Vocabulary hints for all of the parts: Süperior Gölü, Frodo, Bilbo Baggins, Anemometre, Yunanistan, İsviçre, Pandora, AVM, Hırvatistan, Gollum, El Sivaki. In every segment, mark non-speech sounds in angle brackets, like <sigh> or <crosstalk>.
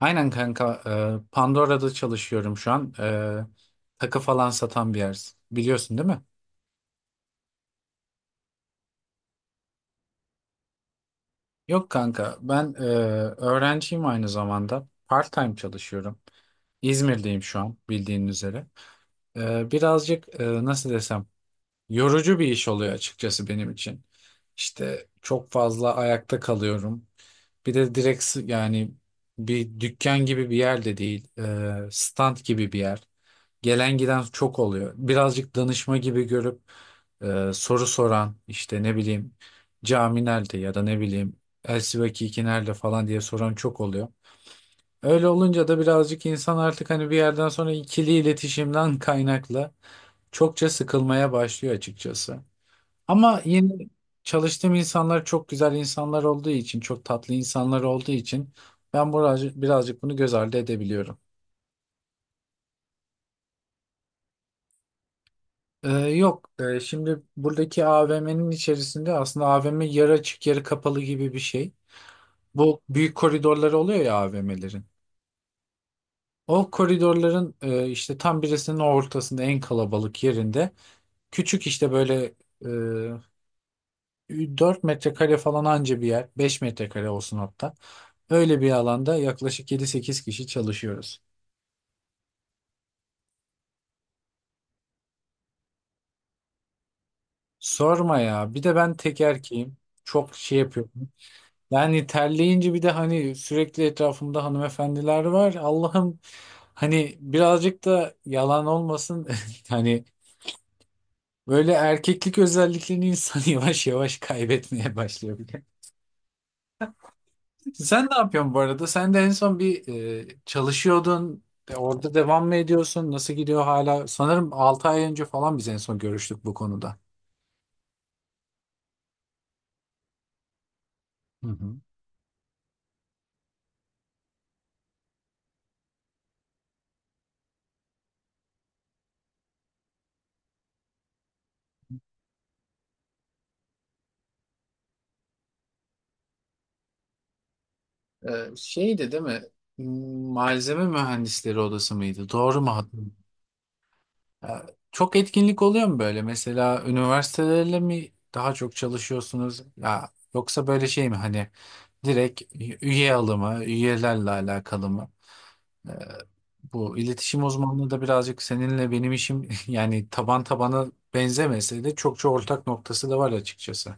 Aynen kanka. Pandora'da çalışıyorum şu an. E, takı falan satan bir yer. Biliyorsun değil mi? Yok kanka. Ben öğrenciyim aynı zamanda. Part-time çalışıyorum. İzmir'deyim şu an bildiğin üzere. Birazcık, nasıl desem, yorucu bir iş oluyor açıkçası benim için. İşte çok fazla ayakta kalıyorum. Bir de yani bir dükkan gibi bir yer de değil. E, stand gibi bir yer. Gelen giden çok oluyor. Birazcık danışma gibi görüp soru soran, işte ne bileyim, cami nerede ya da ne bileyim El Sivaki iki nerede falan diye soran çok oluyor. Öyle olunca da birazcık insan artık hani bir yerden sonra ikili iletişimden <laughs> kaynaklı çokça sıkılmaya başlıyor açıkçası. Ama yine çalıştığım insanlar çok güzel insanlar olduğu için, çok tatlı insanlar olduğu için ben birazcık bunu göz ardı edebiliyorum. Yok. Şimdi buradaki AVM'nin içerisinde aslında, AVM yarı açık yarı kapalı gibi bir şey. Bu büyük koridorları oluyor ya AVM'lerin. O koridorların, işte, tam birisinin ortasında, en kalabalık yerinde, küçük, işte böyle, 4 metrekare falan anca bir yer, 5 metrekare olsun hatta. Öyle bir alanda yaklaşık 7-8 kişi çalışıyoruz. Sorma ya, bir de ben tek erkeğim, çok şey yapıyorum. Yani terleyince, bir de hani sürekli etrafımda hanımefendiler var. Allah'ım, hani birazcık da yalan olmasın. <laughs> Hani böyle erkeklik özelliklerini insan <laughs> yavaş yavaş kaybetmeye başlıyor bile. Sen ne yapıyorsun bu arada? Sen de en son bir, çalışıyordun. E, Orada devam mı ediyorsun? Nasıl gidiyor hala? Sanırım 6 ay önce falan biz en son görüştük bu konuda. Hı hı. Şeydi değil mi? Malzeme mühendisleri odası mıydı? Doğru mu hatırlıyorum? Ya, çok etkinlik oluyor mu böyle? Mesela üniversitelerle mi daha çok çalışıyorsunuz? Ya yoksa böyle şey mi, hani direkt üye alımı, üyelerle alakalı mı? Ee, Bu iletişim uzmanlığı da birazcık seninle benim işim, <laughs> yani taban tabana benzemese de, çok çok ortak noktası da var açıkçası.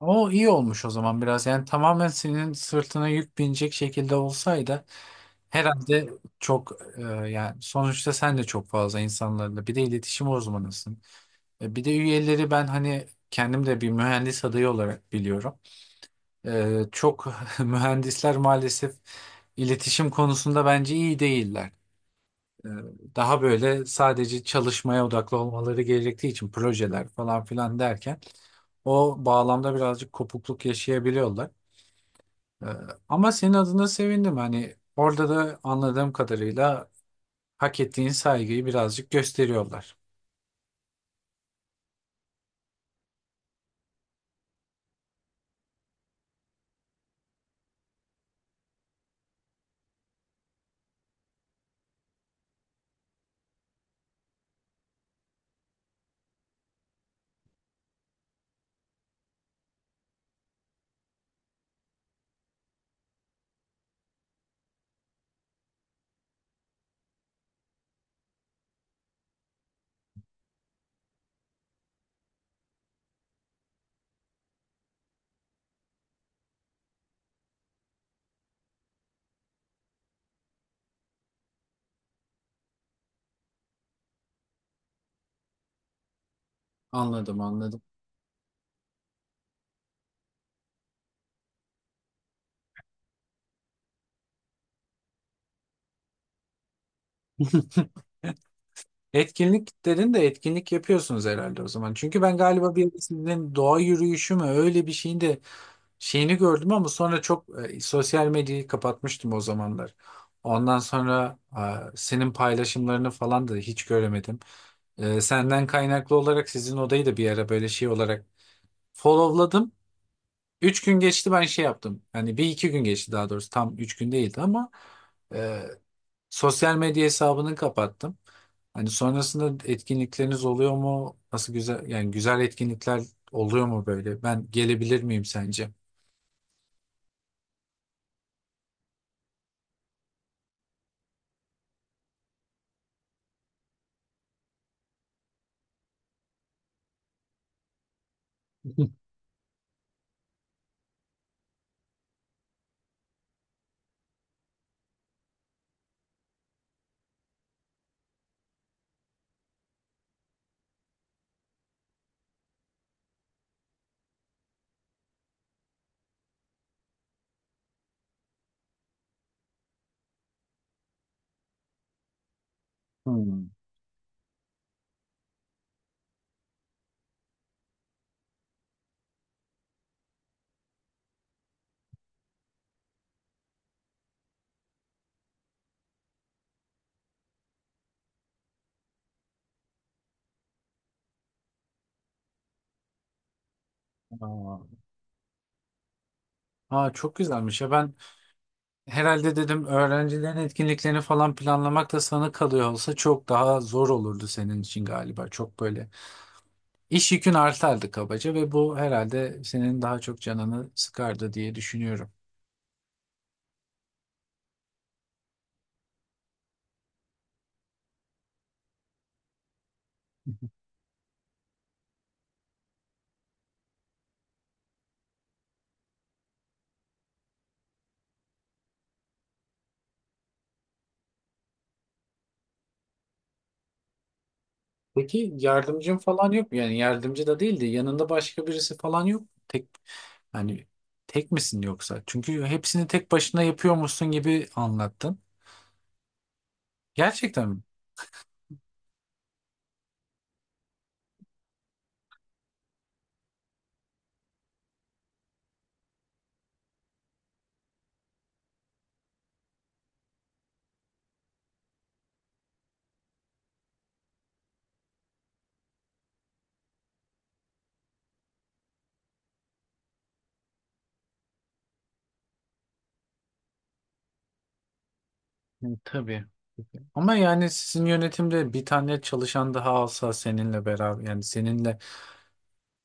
O iyi olmuş o zaman biraz. Yani tamamen senin sırtına yük binecek şekilde olsaydı herhalde çok, yani sonuçta sen de çok fazla insanlarla, bir de iletişim uzmanısın. Bir de üyeleri ben, hani kendim de bir mühendis adayı olarak biliyorum. Çok <laughs> mühendisler maalesef iletişim konusunda bence iyi değiller. E, Daha böyle sadece çalışmaya odaklı olmaları gerektiği için, projeler falan filan derken, o bağlamda birazcık kopukluk yaşayabiliyorlar. Ee, Ama senin adına sevindim. Hani orada da anladığım kadarıyla hak ettiğin saygıyı birazcık gösteriyorlar. Anladım, anladım. <laughs> Etkinlik dedin de, etkinlik yapıyorsunuz herhalde o zaman. Çünkü ben galiba bir sizin doğa yürüyüşü mü, öyle bir şeyin de şeyini gördüm, ama sonra çok, sosyal medyayı kapatmıştım o zamanlar. Ondan sonra senin paylaşımlarını falan da hiç göremedim. Senden kaynaklı olarak sizin odayı da bir ara böyle şey olarak followladım. Üç gün geçti, ben şey yaptım. Yani bir iki gün geçti daha doğrusu, tam üç gün değildi, ama e, sosyal medya hesabını kapattım. Hani sonrasında etkinlikleriniz oluyor mu? Nasıl, güzel, yani güzel etkinlikler oluyor mu böyle? Ben gelebilir miyim sence? <laughs> Hmm. Aa, aa, çok güzelmiş ya, ben herhalde dedim, öğrencilerin etkinliklerini falan planlamak da sana kalıyor olsa çok daha zor olurdu senin için galiba, çok böyle iş yükün artardı kabaca, ve bu herhalde senin daha çok canını sıkardı diye düşünüyorum. Peki yardımcın falan yok mu? Yani yardımcı da değildi, yanında başka birisi falan yok mu? Tek, hani tek misin yoksa? Çünkü hepsini tek başına yapıyormuşsun gibi anlattın. Gerçekten mi? Hı, tabii. Ama yani sizin yönetimde bir tane çalışan daha alsa seninle beraber, yani seninle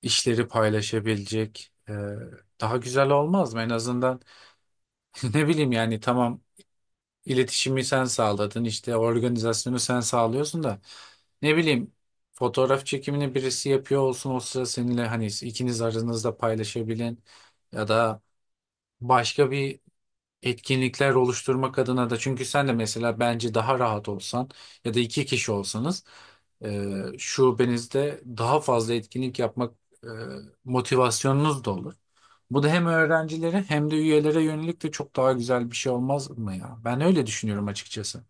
işleri paylaşabilecek, daha güzel olmaz mı? En azından, <laughs> ne bileyim, yani tamam, İletişimi sen sağladın, işte organizasyonu sen sağlıyorsun da, ne bileyim, fotoğraf çekimini birisi yapıyor olsun o sıra seninle, hani ikiniz aranızda paylaşabilen, ya da başka bir etkinlikler oluşturmak adına da, çünkü sen de mesela bence daha rahat olsan ya da iki kişi olsanız, e, şubenizde daha fazla etkinlik yapmak e, motivasyonunuz da olur. Bu da hem öğrencilere hem de üyelere yönelik de çok daha güzel bir şey olmaz mı ya? Ben öyle düşünüyorum açıkçası. <laughs>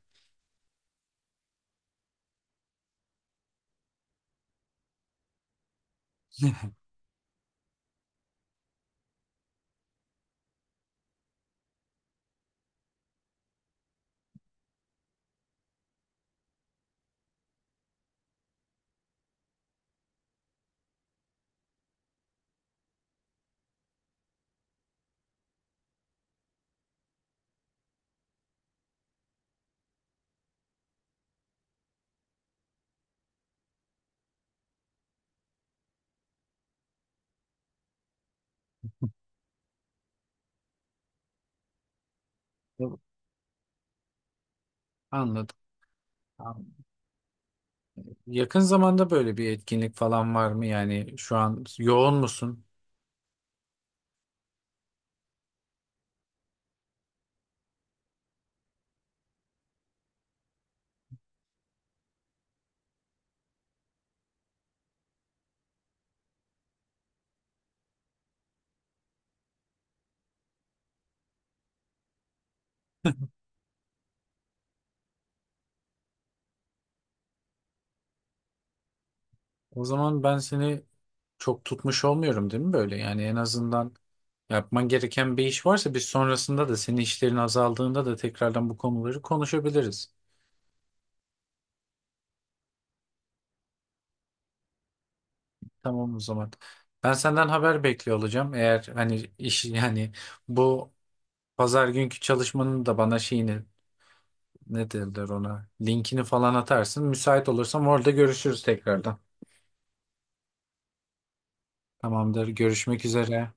Anladım. Anladım. Yakın zamanda böyle bir etkinlik falan var mı? Yani şu an yoğun musun? O zaman ben seni çok tutmuş olmuyorum değil mi böyle? Yani en azından, yapman gereken bir iş varsa, biz sonrasında da, senin işlerin azaldığında da tekrardan bu konuları konuşabiliriz. Tamam o zaman. Ben senden haber bekliyor olacağım. Eğer hani iş, yani bu pazar günkü çalışmanın da bana şeyini, ne derler ona, linkini falan atarsın. Müsait olursam orada görüşürüz tekrardan. Tamamdır. Görüşmek üzere.